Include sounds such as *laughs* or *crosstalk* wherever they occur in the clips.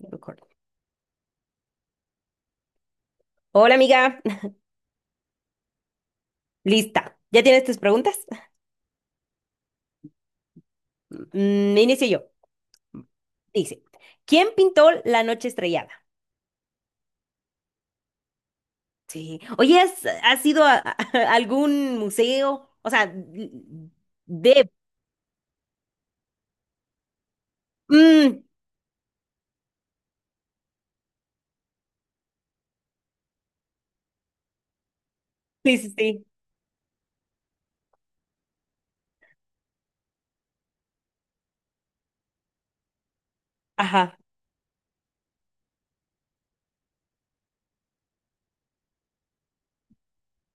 Record. Hola amiga, lista. ¿Ya tienes tus preguntas? Inicio yo. Dice, ¿quién pintó la noche estrellada? Sí. Oye, ¿has ido a algún museo? O sea, de... Mm, sí, sí, sí. Ajá.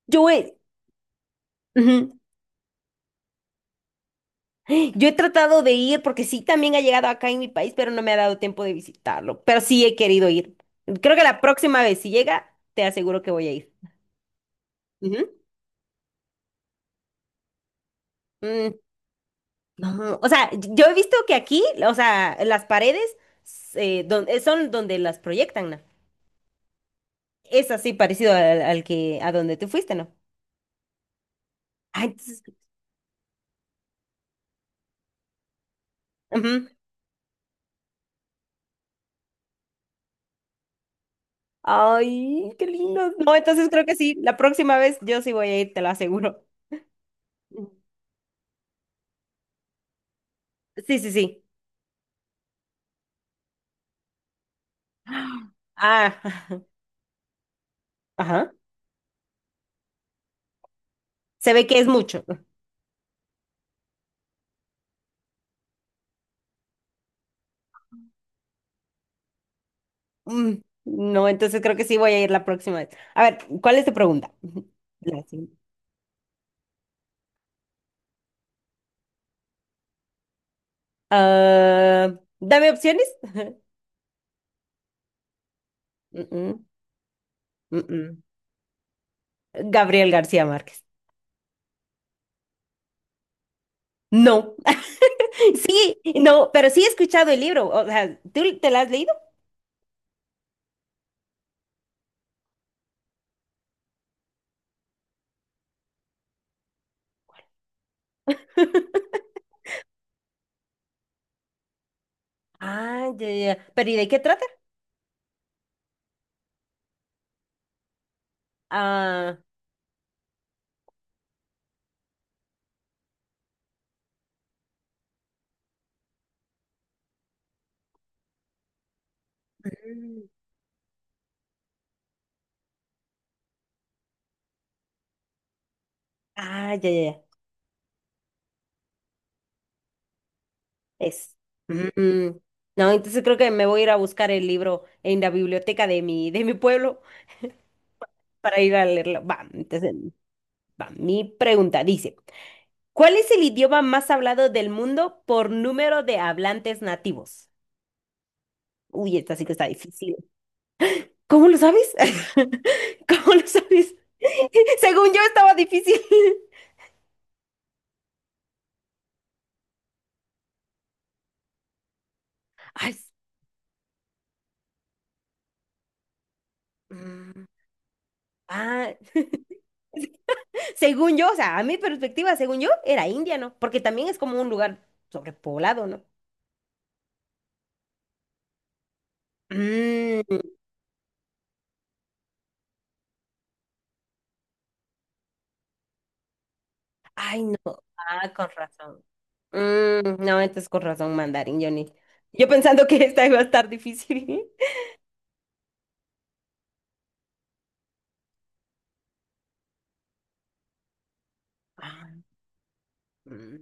Yo he, ujú. Yo he tratado de ir porque sí, también ha llegado acá en mi país, pero no me ha dado tiempo de visitarlo. Pero sí he querido ir. Creo que la próxima vez, si llega, te aseguro que voy a ir. Ujú. Mm, No, o sea, yo he visto que aquí, o sea, las paredes son donde las proyectan, ¿no? Es así parecido al, al que a donde tú fuiste, ¿no? Ah, entonces, ujú. Ay, qué lindo. No, entonces creo que sí. La próxima vez yo sí voy a ir, te lo aseguro. Sí, sí, sí. Ah, *laughs* ajá. Se ve que es mucho. Mm, No, entonces creo que sí voy a ir la próxima vez. A ver, ¿cuál es tu pregunta? *laughs* La siguiente. Ah, dame opciones. Mm, mm, mm, mm. Gabriel García Márquez. No, *laughs* sí, no, pero sí he escuchado el libro. O sea, ¿tú te lo has leído? Ah, ya, ya, ya. ¿Pero y de qué trata? Ah, mm, ah, ya, ya, ya. Es. Mm, No, entonces creo que me voy a ir a buscar el libro en la biblioteca de mi pueblo para ir a leerlo. Va, entonces, va. Mi pregunta dice, ¿cuál es el idioma más hablado del mundo por número de hablantes nativos? Uy, esta sí que está difícil. ¿Cómo lo sabes? *laughs* ¿Cómo lo sabes? *laughs* Según yo estaba difícil. *laughs* Ay, s- mm, ah, *laughs* según yo, o sea, a mi perspectiva, según yo, era India, ¿no? Porque también es como un lugar sobrepoblado, ¿no? Mm, ay, no. Ah, con razón. No, entonces con razón mandarín, Johnny. Yo pensando que esta iba a estar difícil. *laughs* Ah, Mm.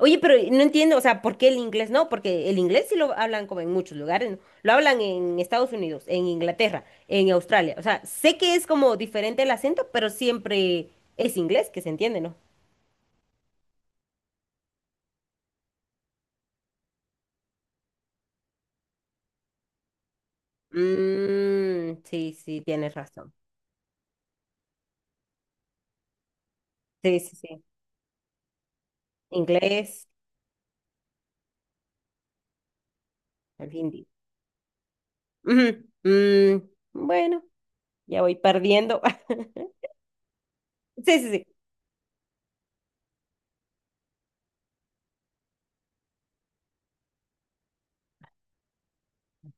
Oye, pero no entiendo, o sea, ¿por qué el inglés no? Porque el inglés sí lo hablan como en muchos lugares, ¿no? Lo hablan en Estados Unidos, en Inglaterra, en Australia. O sea, sé que es como diferente el acento, pero siempre es inglés que se entiende, ¿no? Mm, sí, sí, tienes razón. Sí, sí, sí. Inglés, el hindi. Ujú, mm, bueno, ya voy perdiendo. *laughs* Sí, sí, sí.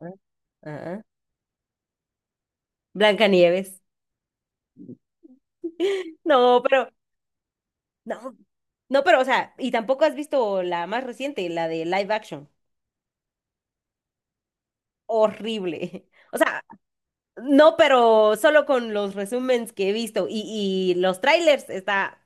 Ajá. Ajá. Blancanieves. *laughs* No, pero no, no, pero, o sea, y tampoco has visto la más reciente, la de live action. Horrible. *laughs* O sea, no, pero solo con los resúmenes que he visto y los trailers está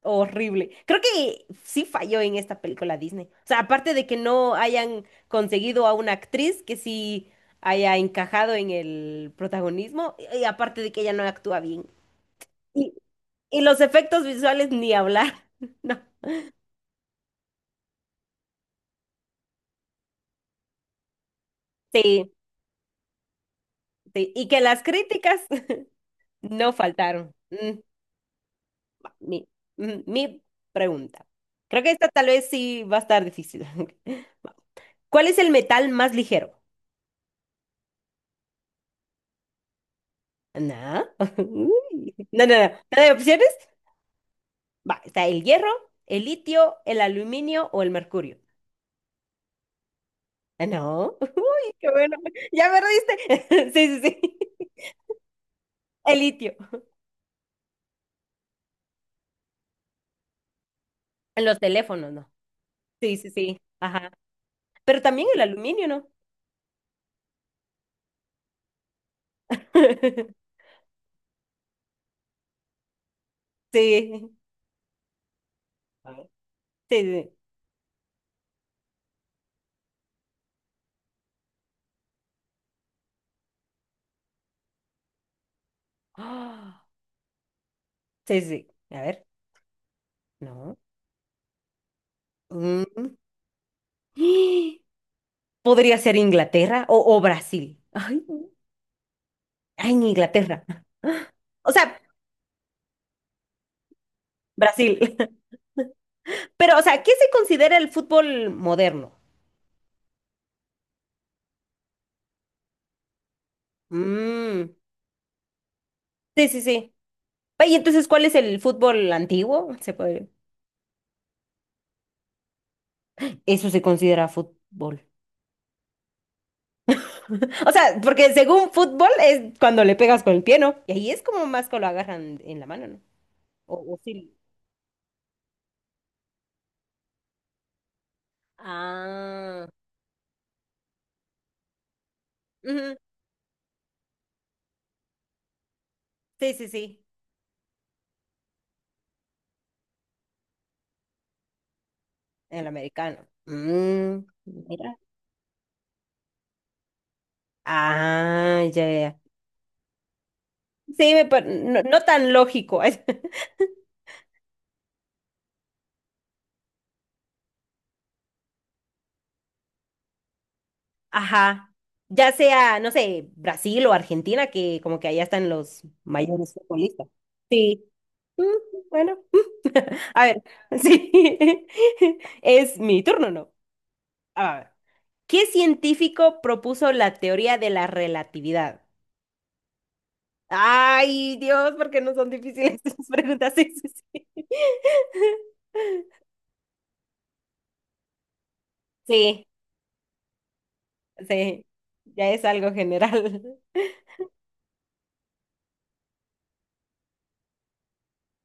horrible. Creo que sí falló en esta película Disney. O sea, aparte de que no hayan conseguido a una actriz que sí haya encajado en el protagonismo, y aparte de que ella no actúa bien. Y, y los efectos visuales ni hablar. *laughs* No. Sí, sí. Y que las críticas no faltaron. Va, mi pregunta. Creo que esta tal vez sí va a estar difícil. *laughs* Va. ¿Cuál es el metal más ligero? No. *laughs* Uy. No, no, no. ¿No hay opciones? Va, está el hierro, el litio, el aluminio o el mercurio. Ah, no. *laughs* Uy, qué bueno. Ya me reíste. *laughs* Sí, sí, sí. *laughs* El litio. En los teléfonos, ¿no? Sí, sí, sí. Ajá. Pero también el aluminio, ¿no? *laughs* Sí. Sí, sí. Ah, *gasps* sí, sí. A ver. No. Mm. *gasps* Podría ser Inglaterra o Brasil. Ay, ay, en Inglaterra. *laughs* O sea, Brasil. *laughs* Pero, o sea, ¿qué se considera el fútbol moderno? Mm, sí, sí, sí. Y entonces, ¿cuál es el fútbol antiguo? Se puede... Eso se considera fútbol. O sea, porque según fútbol es cuando le pegas con el pie, ¿no? Y ahí es como más que lo agarran en la mano, ¿no? O sí. Ah. Ujú, sí, sí, sí. El americano. Mm, mira. Ah, ya, ya, ya. Sí, me par- no, no tan lógico. *laughs* Ajá. Ya sea, no sé, Brasil o Argentina, que como que allá están los mayores futbolistas. Sí. Mm, bueno. *laughs* A ver, sí. *laughs* Es mi turno, ¿no? A ver. ¿Qué científico propuso la teoría de la relatividad? Ay, Dios, porque no son difíciles *laughs* esas preguntas. Sí, sí, sí. *laughs* Sí, sí, ya es algo general. *laughs*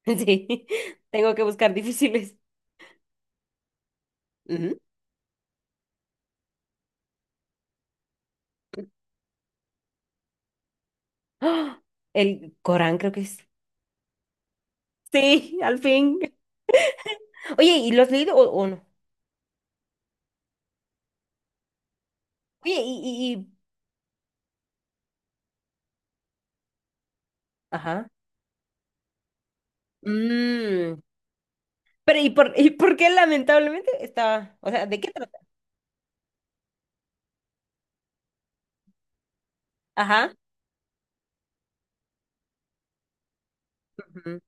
Sí, tengo que buscar difíciles. Ujú. ¡Ah! El Corán creo que es. Sí, al fin. Oye, ¿y los has leído o no? Oye, ajá. Mm, pero ¿y por qué lamentablemente está? O sea, ¿de qué trata? Ajá. Ujú.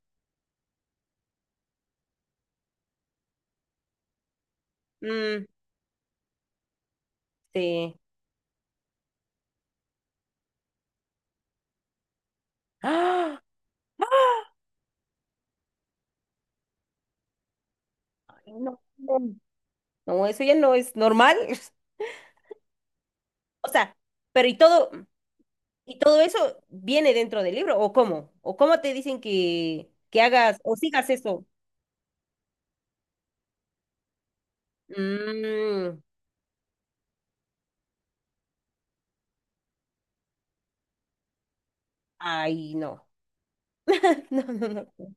Mm, sí. ¡Ah! Ay, no, no, no, eso ya no es normal. *laughs* O sea, pero y todo. ¿Y todo eso viene dentro del libro o cómo? ¿O cómo te dicen que hagas o sigas eso? Mm, ay, no. *laughs* No, no, no.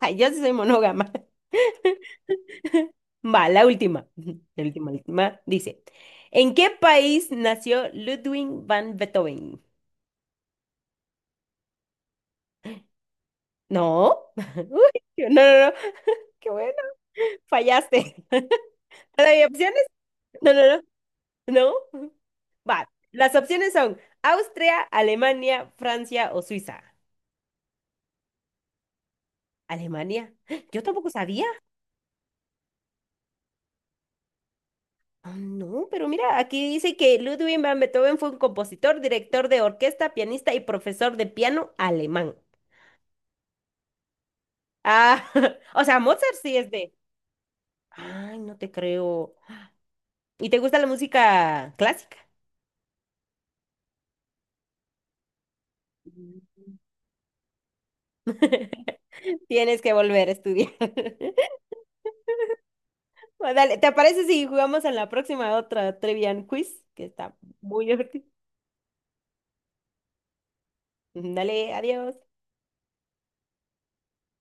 Ay, yo sí soy monógama. *laughs* Va, la última. *laughs* La última, la última. Dice, ¿en qué país nació Ludwig van Beethoven? No. *laughs* Uy, no, no, no. Qué bueno. Fallaste. *laughs* ¿No hay opciones? No, no, no. No. Va. Las opciones son Austria, Alemania, Francia o Suiza. Alemania. *gasps* Yo tampoco sabía. Ah, no, pero mira, aquí dice que Ludwig van Beethoven fue un compositor, director de orquesta, pianista y profesor de piano alemán. Ah, *laughs* o sea, Mozart sí es de. Ay, no te creo. ¿Y te gusta la música clásica? Mm. *laughs* Tienes que volver a estudiar. *laughs* Bueno, dale, ¿te parece si jugamos en la próxima otra Trivian Quiz? Que está muy divertido. Dale, adiós.